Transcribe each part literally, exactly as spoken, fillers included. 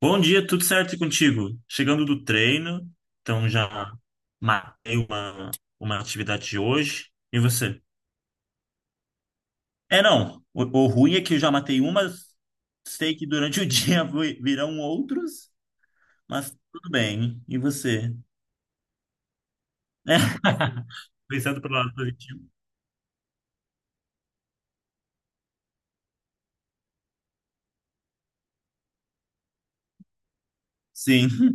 Bom dia, tudo certo e contigo? Chegando do treino, então já matei uma, uma atividade de hoje. E você? É, não. O, o ruim é que eu já matei umas, sei que durante o dia vi- virão outros, mas tudo bem. E você? É, pensando pelo lado positivo. Sim,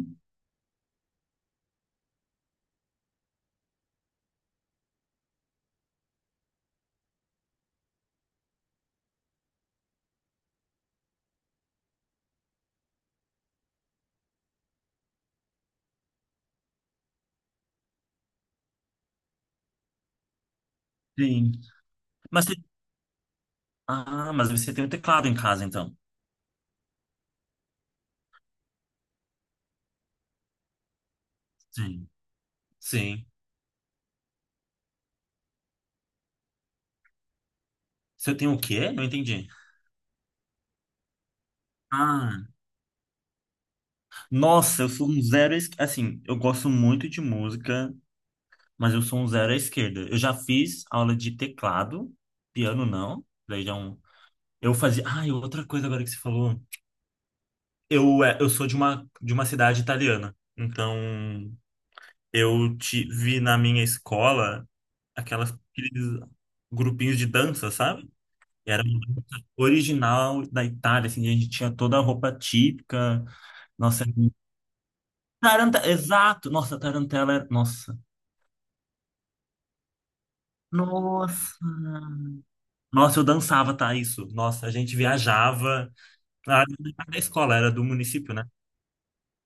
sim. Mas, você- ah, mas você tem um teclado em casa, então. Sim, sim. Você tem o quê? Não entendi. Ah, nossa, eu sou um zero. es- Assim, eu gosto muito de música. Mas eu sou um zero à esquerda. Eu já fiz aula de teclado, piano não. Daí já é um. Eu fazia. Ah, e outra coisa agora que você falou. Eu, é, eu sou de uma, de uma cidade italiana. Então, eu tive na minha escola aquelas, aqueles grupinhos de dança, sabe? Era uma dança original da Itália, assim, a gente tinha toda a roupa típica. Nossa, taranta... exato! Nossa, tarantela era. Nossa. Nossa! Nossa, eu dançava, tá? Isso. Nossa, a gente viajava. Ah, não era da escola, era do município, né?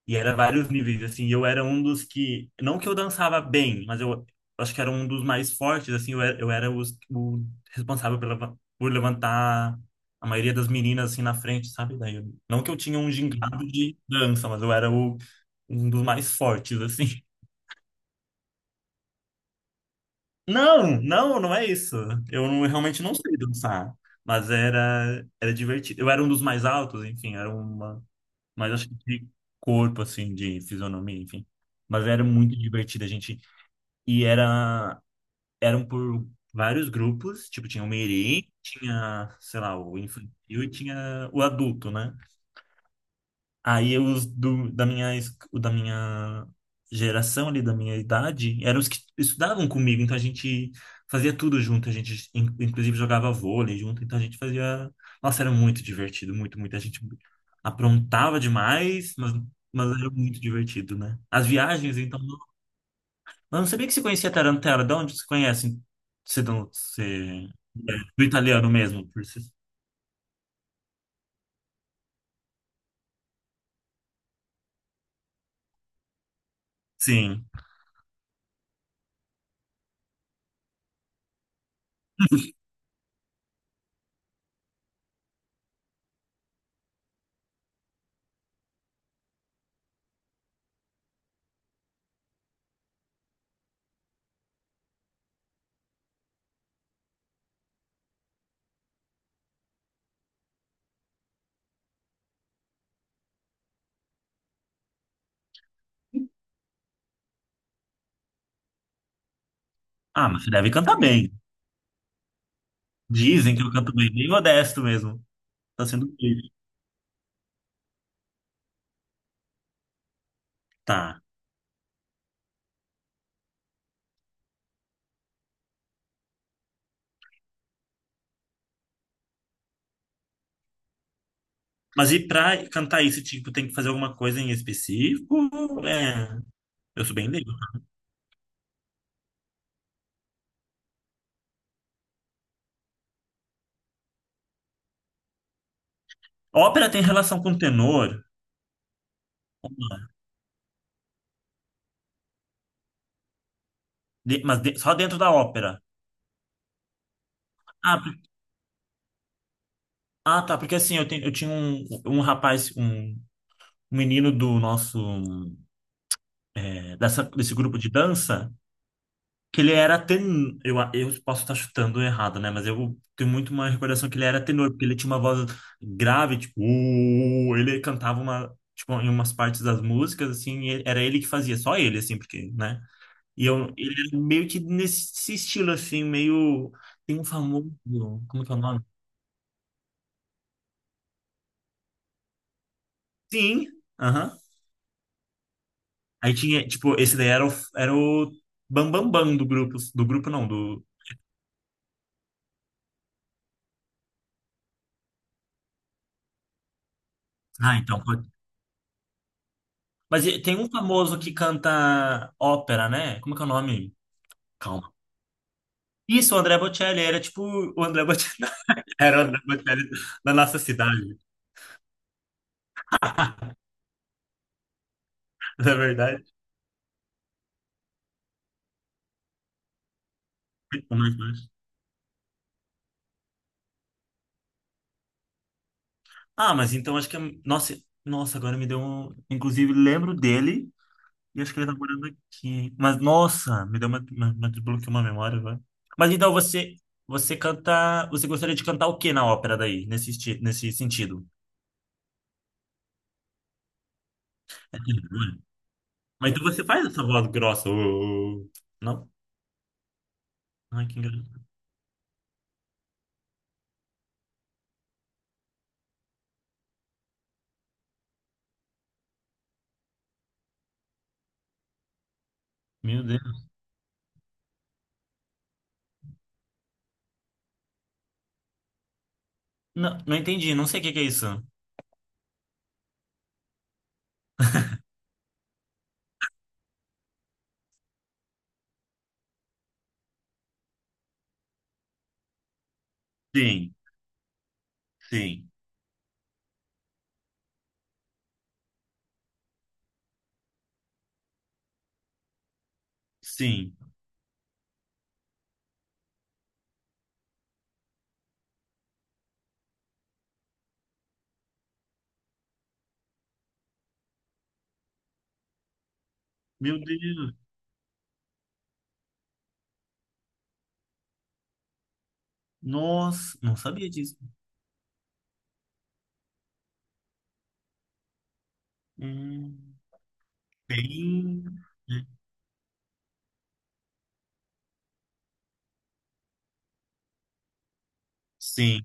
E era vários níveis, assim. E eu era um dos que. Não que eu dançava bem, mas eu acho que era um dos mais fortes, assim. Eu era, eu era os- o responsável pela, por levantar a maioria das meninas, assim, na frente, sabe? Daí, eu- não que eu tinha um gingado de dança, mas eu era o, um dos mais fortes, assim. Não, não, não é isso. Eu não- Realmente não sei dançar, mas era era divertido. Eu era um dos mais altos, enfim, era uma, mas acho que de corpo assim, de fisionomia, enfim. Mas era muito divertido a gente, e era eram por vários grupos, tipo tinha o Mirim, tinha, sei lá, o infantil e tinha o adulto, né? Aí os do, da minha, es- o da minha geração ali, da minha idade, eram os que estudavam comigo, então a gente fazia tudo junto, a gente in- inclusive jogava vôlei junto, então a gente fazia... Nossa, era muito divertido, muito, muito. A gente aprontava demais, mas, mas era muito divertido, né? As viagens, então... não- Mas eu não sabia que você conhecia Tarantella, de onde você conhece? Você, não- Você... Do italiano mesmo, por si. Sim. Ah, mas você deve cantar bem. Dizem que eu canto bem, bem modesto mesmo. Tá sendo Tá. Mas e pra cantar isso, tipo, tem que fazer alguma coisa em específico? É, eu sou bem leigo. Ópera tem relação com tenor, de- mas de- só dentro da ópera. Ah, por- ah, tá, porque assim, eu, tenho, eu tinha um, um rapaz, um menino do nosso, é, dessa, desse grupo de dança, que ele era tenor. Eu, eu posso estar chutando errado, né? Mas eu tenho muito uma recordação que ele era tenor, porque ele tinha uma voz grave, tipo, "Uh", ele cantava uma, tipo, em umas partes das músicas, assim, e era ele que fazia, só ele, assim, porque, né? E eu, ele era meio que nesse estilo, assim, meio. Tem um famoso. Como que é o nome? Sim, aham. Aí tinha, tipo, esse daí era o, era o Bam Bam Bam do grupo, do grupo não, do. Ah, então. Mas e- tem um famoso que canta ópera, né? Como é que é o nome? Calma. Isso, o André Bocelli. Era tipo o André Bocelli. Era o André Bocelli da nossa cidade, na verdade. Muito mais baixo. Ah, mas então acho que... é- Nossa, nossa, agora me deu um... Inclusive, lembro dele e acho que ele tá morando aqui. Mas, nossa, me deu uma... uma, uma desbloqueou uma memória agora. Mas então você... Você canta... Você gostaria de cantar o que na ópera daí? Nesse, esti- nesse sentido? É que- Mas então você faz essa voz grossa. Ô, ô, ô. Não? Ai, que engraçado. Meu Deus. Não, não entendi, não sei o que que é isso. Sim, sim, sim. Meu Deus. Nossa, não sabia disso. Hum, bem. Sim,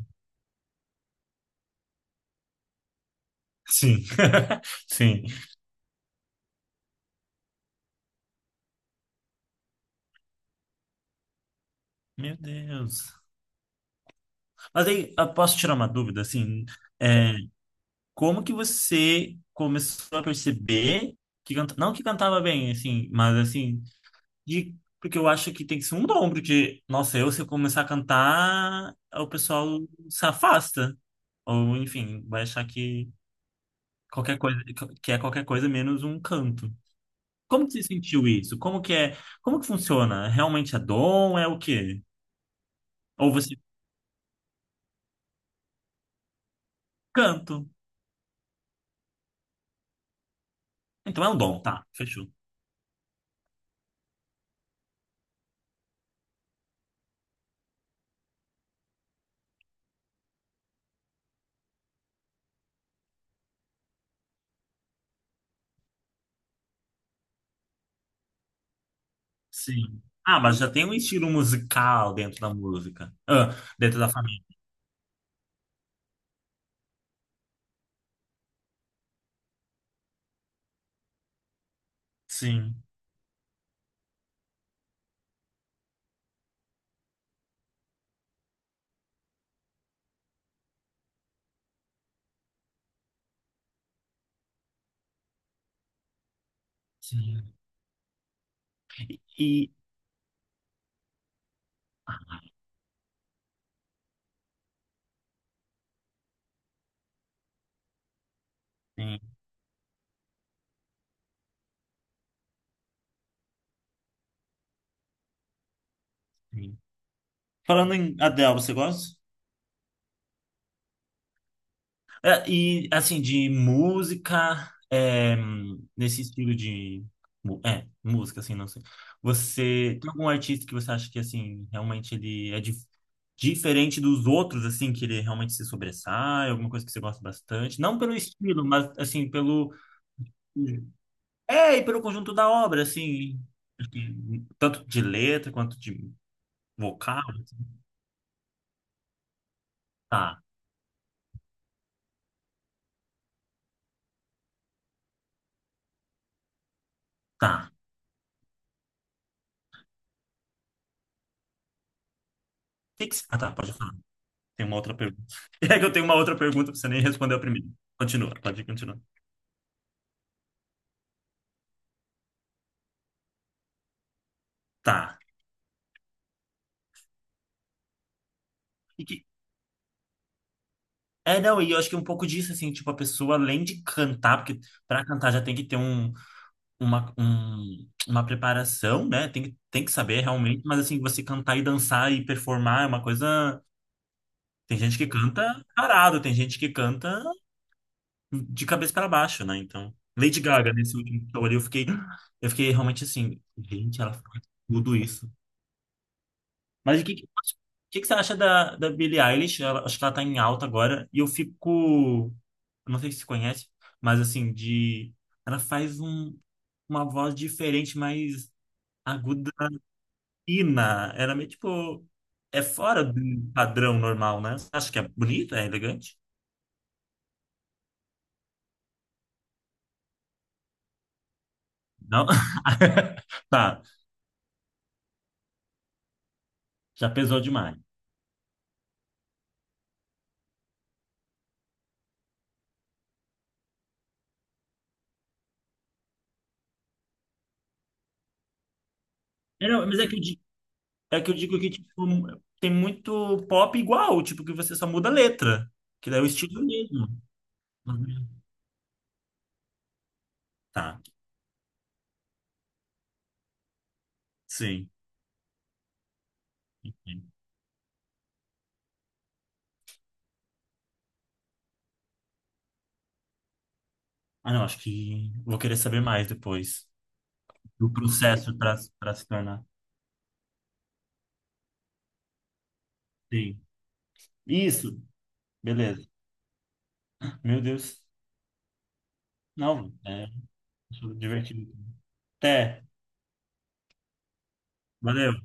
sim, sim. Meu Deus. Mas aí, eu posso tirar uma dúvida, assim? É, como que você começou a perceber que canta... não que cantava bem, assim, mas assim, de, porque eu acho que tem que ser um ombro de, nossa, eu se eu começar a cantar, o pessoal se afasta. Ou, enfim, vai achar que qualquer coisa, que é qualquer coisa menos um canto. Como que você sentiu isso? Como que é, como que funciona? Realmente é dom? É o quê? Ou você canto? Então é um dom, tá, fechou. Sim. Ah, mas já tem um estilo musical dentro da música. Ah, dentro da família. Sim. Sim. E, sim, sim. Falando em Adele, você gosta? É, e assim, de música, é, hum, nesse estilo de. mu- É, música, assim, não sei. Você tem algum artista que você acha que, assim, realmente ele é dif- diferente dos outros, assim, que ele realmente se sobressai, alguma coisa que você gosta bastante? Não pelo estilo, mas, assim, pelo. É, e pelo conjunto da obra, assim. Acho que tanto de letra quanto de vocal, assim. Tá, tá. O que que você- Ah, tá, pode falar. Tem uma outra pergunta. É que eu tenho uma outra pergunta, pra você nem respondeu a primeira. Continua, pode continuar. Tá. E que- É, não, e eu acho que é um pouco disso, assim, tipo, a pessoa, além de cantar, porque pra cantar já tem que ter um, uma, um- uma preparação, né? Tem, que- tem que saber realmente, mas assim, você cantar e dançar e performar é uma coisa. Tem gente que canta parado, tem gente que canta de cabeça para baixo, né? Então, Lady Gaga, nesse último show ali, eu fiquei, eu fiquei realmente assim, gente, ela faz tudo isso. Mas o que, que, o que que você acha da, da Billie Eilish? Ela- acho que ela tá em alta agora. E eu fico. Não sei se você conhece, mas assim, de. Ela faz um, uma voz diferente, mais aguda, fina. Ela é meio tipo. É fora do padrão normal, né? Você acha que é bonita, é elegante? Não? Tá, já pesou demais. É, não, mas é que eu, di- é que eu digo que tipo, tem muito pop igual, tipo, que você só muda a letra, que daí é o estilo mesmo. Uhum. Tá, sim. Entendi. Ah, não, acho que vou querer saber mais depois do processo para para se tornar. Sim. Isso, beleza. Meu Deus. Não, é divertido. Até. Valeu.